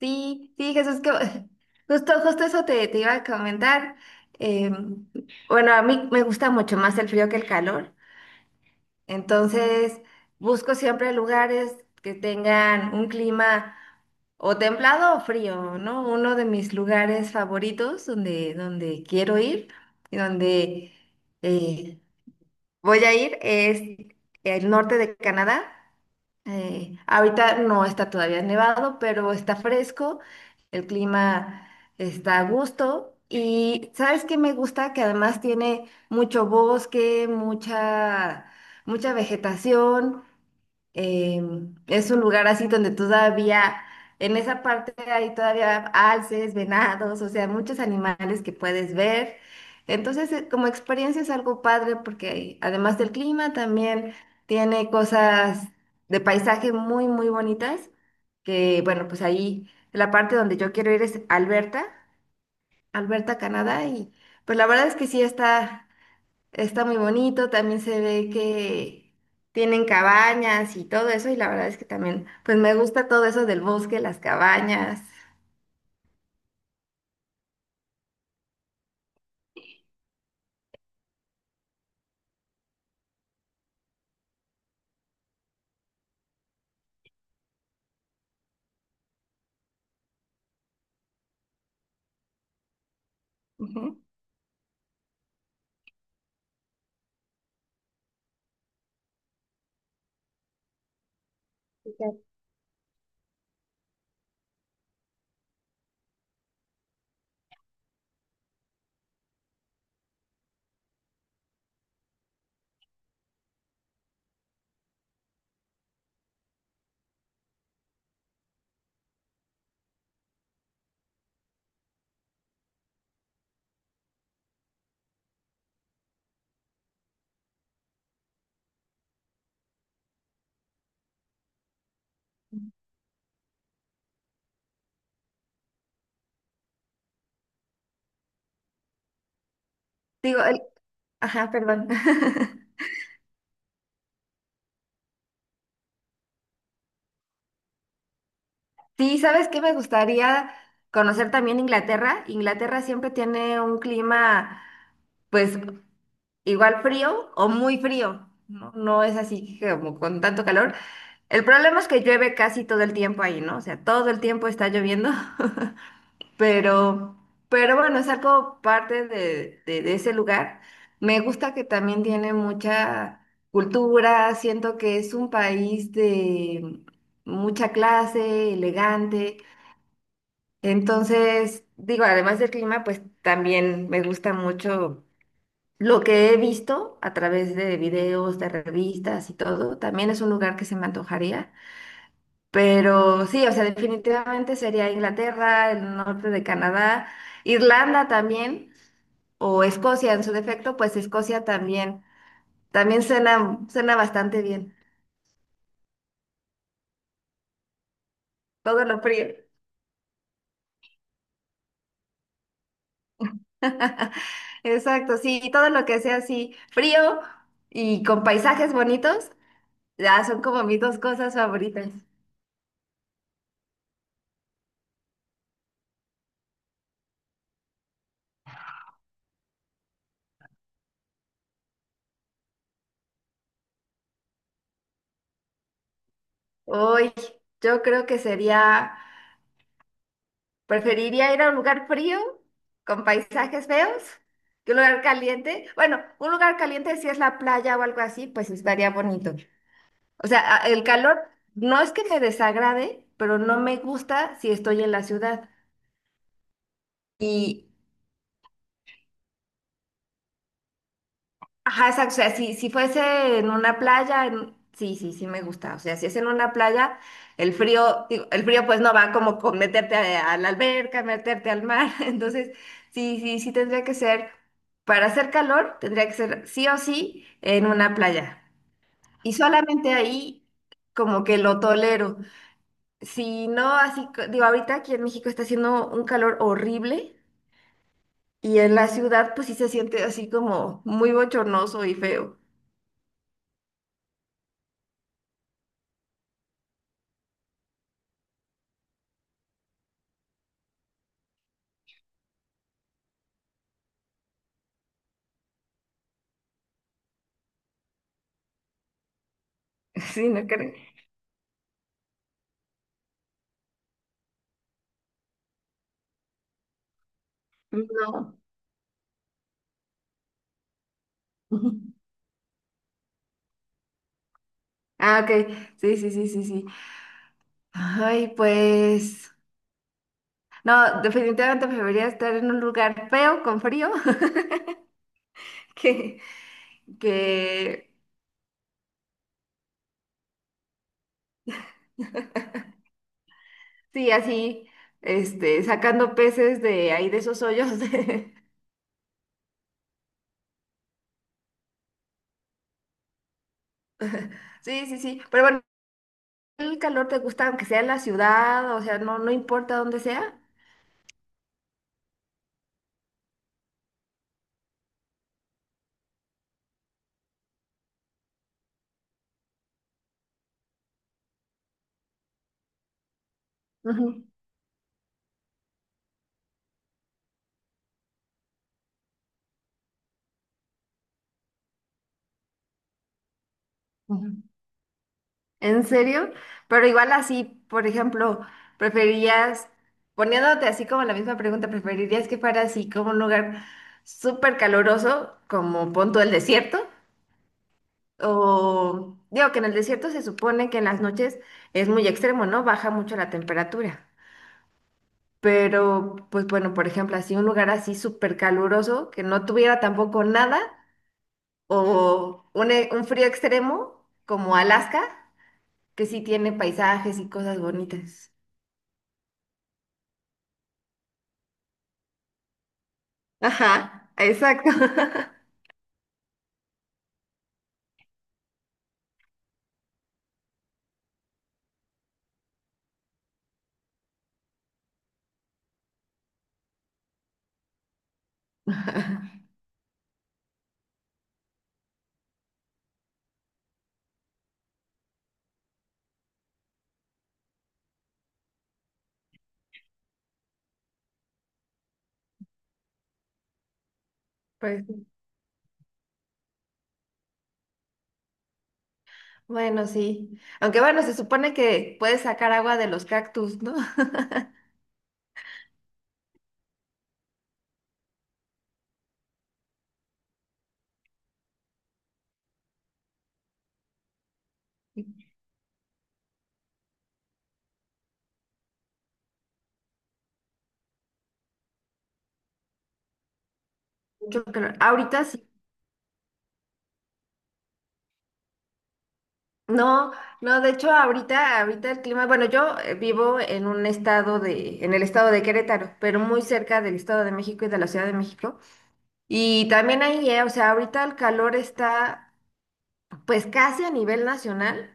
Sí, sí, Jesús, que justo eso te iba a comentar. Eh, bueno, a mí me gusta mucho más el frío que el calor, entonces busco siempre lugares que tengan un clima o templado o frío, ¿no? Uno de mis lugares favoritos donde quiero ir y donde eh, voy a ir es el norte de Canadá. Ahorita no está todavía nevado, pero está fresco, el clima está a gusto. ¿Y sabes qué me gusta? Que además tiene mucho bosque, mucha vegetación, eh, es un lugar así donde todavía, en esa parte hay todavía alces, venados, o sea, muchos animales que puedes ver. Entonces, como experiencia es algo padre porque además del clima también tiene cosas de paisaje muy, muy bonitas, que bueno, pues ahí la parte donde yo quiero ir es Alberta, Alberta, Canadá, y pues la verdad es que sí está... Está muy bonito, también se ve que tienen cabañas y todo eso, y la verdad es que también, pues me gusta todo eso del bosque, las cabañas. Ujú. Exacto. Digo, ajá, perdón. Sí, ¿sabes qué? Me gustaría conocer también Inglaterra. Inglaterra siempre tiene un clima, pues, igual frío o muy frío, ¿no? No es así que como con tanto calor. El problema es que llueve casi todo el tiempo ahí, ¿no? O sea, todo el tiempo está lloviendo. Pero, pero bueno, es algo parte de, de ese lugar. Me gusta que también tiene mucha cultura, siento que es un país de mucha clase, elegante. Entonces, digo, además del clima, pues también me gusta mucho lo que he visto a través de videos, de revistas y todo. También es un lugar que se me antojaría. Pero sí, o sea, definitivamente sería Inglaterra, el norte de Canadá, Irlanda también, o Escocia en su defecto, pues Escocia también. También suena bastante bien. Todo lo frío. Exacto, sí, todo lo que sea así, frío y con paisajes bonitos, ya son como mis dos cosas favoritas. Hoy, yo creo que sería, preferiría ir a un lugar frío con paisajes feos que un lugar caliente. Bueno, un lugar caliente si es la playa o algo así, pues estaría bonito. O sea, el calor no es que me desagrade, pero no me gusta si estoy en la ciudad. Ajá, exacto. O sea, si, si fuese en una playa, sí, sí, sí me gusta. O sea, si es en una playa, el frío, digo, el frío pues no va como con meterte a la alberca, meterte al mar. Entonces, sí, sí, sí tendría que ser, para hacer calor, tendría que ser sí o sí en una playa. Y solamente ahí como que lo tolero. Si no, así, digo, ahorita aquí en México está haciendo un calor horrible y en la ciudad pues sí se siente así como muy bochornoso y feo. Sí, ¿no creen? No. Ah, ok. Sí, sí, sí, sí, sí. Ay, pues. No, definitivamente preferiría estar en un lugar feo, con frío, que, que sí, así, este, sacando peces de ahí de esos hoyos. Sí, sí, sí. Pero bueno, el calor te gusta, aunque sea en la ciudad, o sea, no, no importa dónde sea. Ujú, ujú. ¿En serio? Pero igual así, por ejemplo, preferirías, poniéndote así como la misma pregunta, ¿preferirías que fuera así como un lugar súper caloroso, como punto del desierto? O digo que en el desierto se supone que en las noches es muy extremo, ¿no? Baja mucho la temperatura. Pero, pues bueno, por ejemplo, así un lugar así súper caluroso, que no tuviera tampoco nada, o un, un frío extremo como Alaska, que sí tiene paisajes y cosas bonitas. Ajá, exacto. Pues, sí. Bueno, sí. Aunque bueno, se supone que puedes sacar agua de los cactus, ¿no? Mucho calor. Ahorita sí. No, no, de hecho ahorita el clima, bueno, yo vivo en un estado de, en el estado de Querétaro, pero muy cerca del Estado de México y de la Ciudad de México. Y también ahí, o sea, ahorita el calor está pues casi a nivel nacional.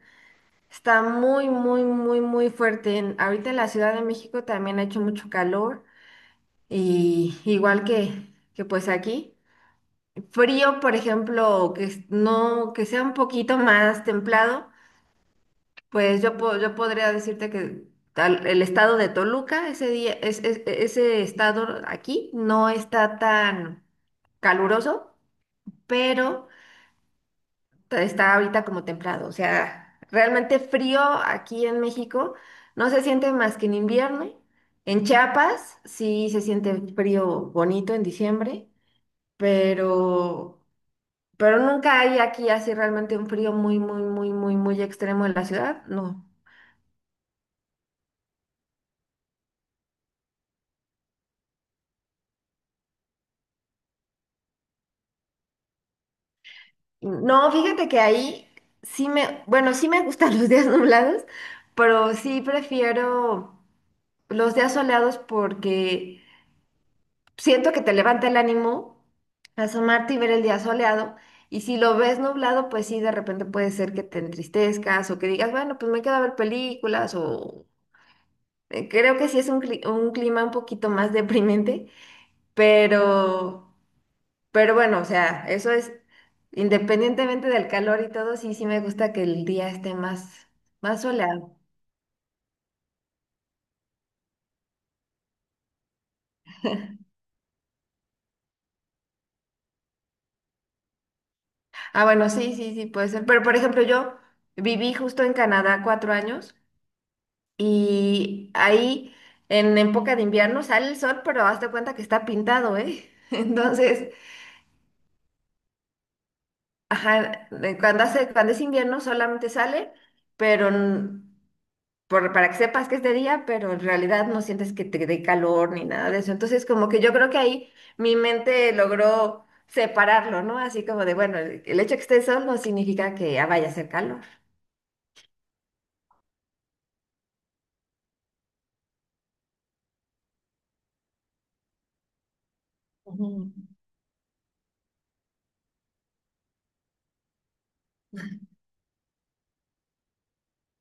Está muy, muy, muy, muy fuerte. Ahorita en la Ciudad de México también ha hecho mucho calor. Y igual que pues aquí, frío, por ejemplo, no, que sea un poquito más templado, pues yo, yo podría decirte que el estado de Toluca, ese día, ese estado aquí no está tan caluroso, pero está ahorita como templado. O sea, realmente frío aquí en México no se siente más que en invierno. En Chiapas sí se siente frío bonito en diciembre. pero, pero nunca hay aquí así realmente un frío muy, muy, muy, muy, muy extremo en la ciudad, no. No, fíjate que ahí sí me, bueno, sí me gustan los días nublados, pero sí prefiero los días soleados porque siento que te levanta el ánimo asomarte y ver el día soleado. Y si lo ves nublado, pues sí, de repente puede ser que te entristezcas o que digas, bueno, pues me quedo a ver películas o creo que sí es un, un clima un poquito más deprimente. Pero, pero bueno, o sea, eso es independientemente del calor y todo, sí, sí me gusta que el día esté más, más soleado. Ah, bueno, sí, sí, sí, puede ser. Pero por ejemplo, yo viví justo en Canadá 4 años y ahí en época de invierno sale el sol, pero hazte cuenta que está pintado, ¿eh? Entonces, ajá, de cuando hace, cuando es invierno solamente sale, pero para que sepas que es de día, pero en realidad no sientes que te dé calor ni nada de eso. Entonces, como que yo creo que ahí mi mente logró separarlo, ¿no? Así como de, bueno, el hecho que esté sol no significa que ah, vaya a hacer calor. Ujú.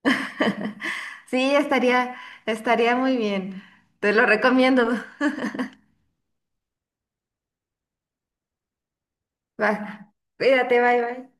Sí, estaría muy bien. Te lo recomiendo. Va, cuídate, bye, bye.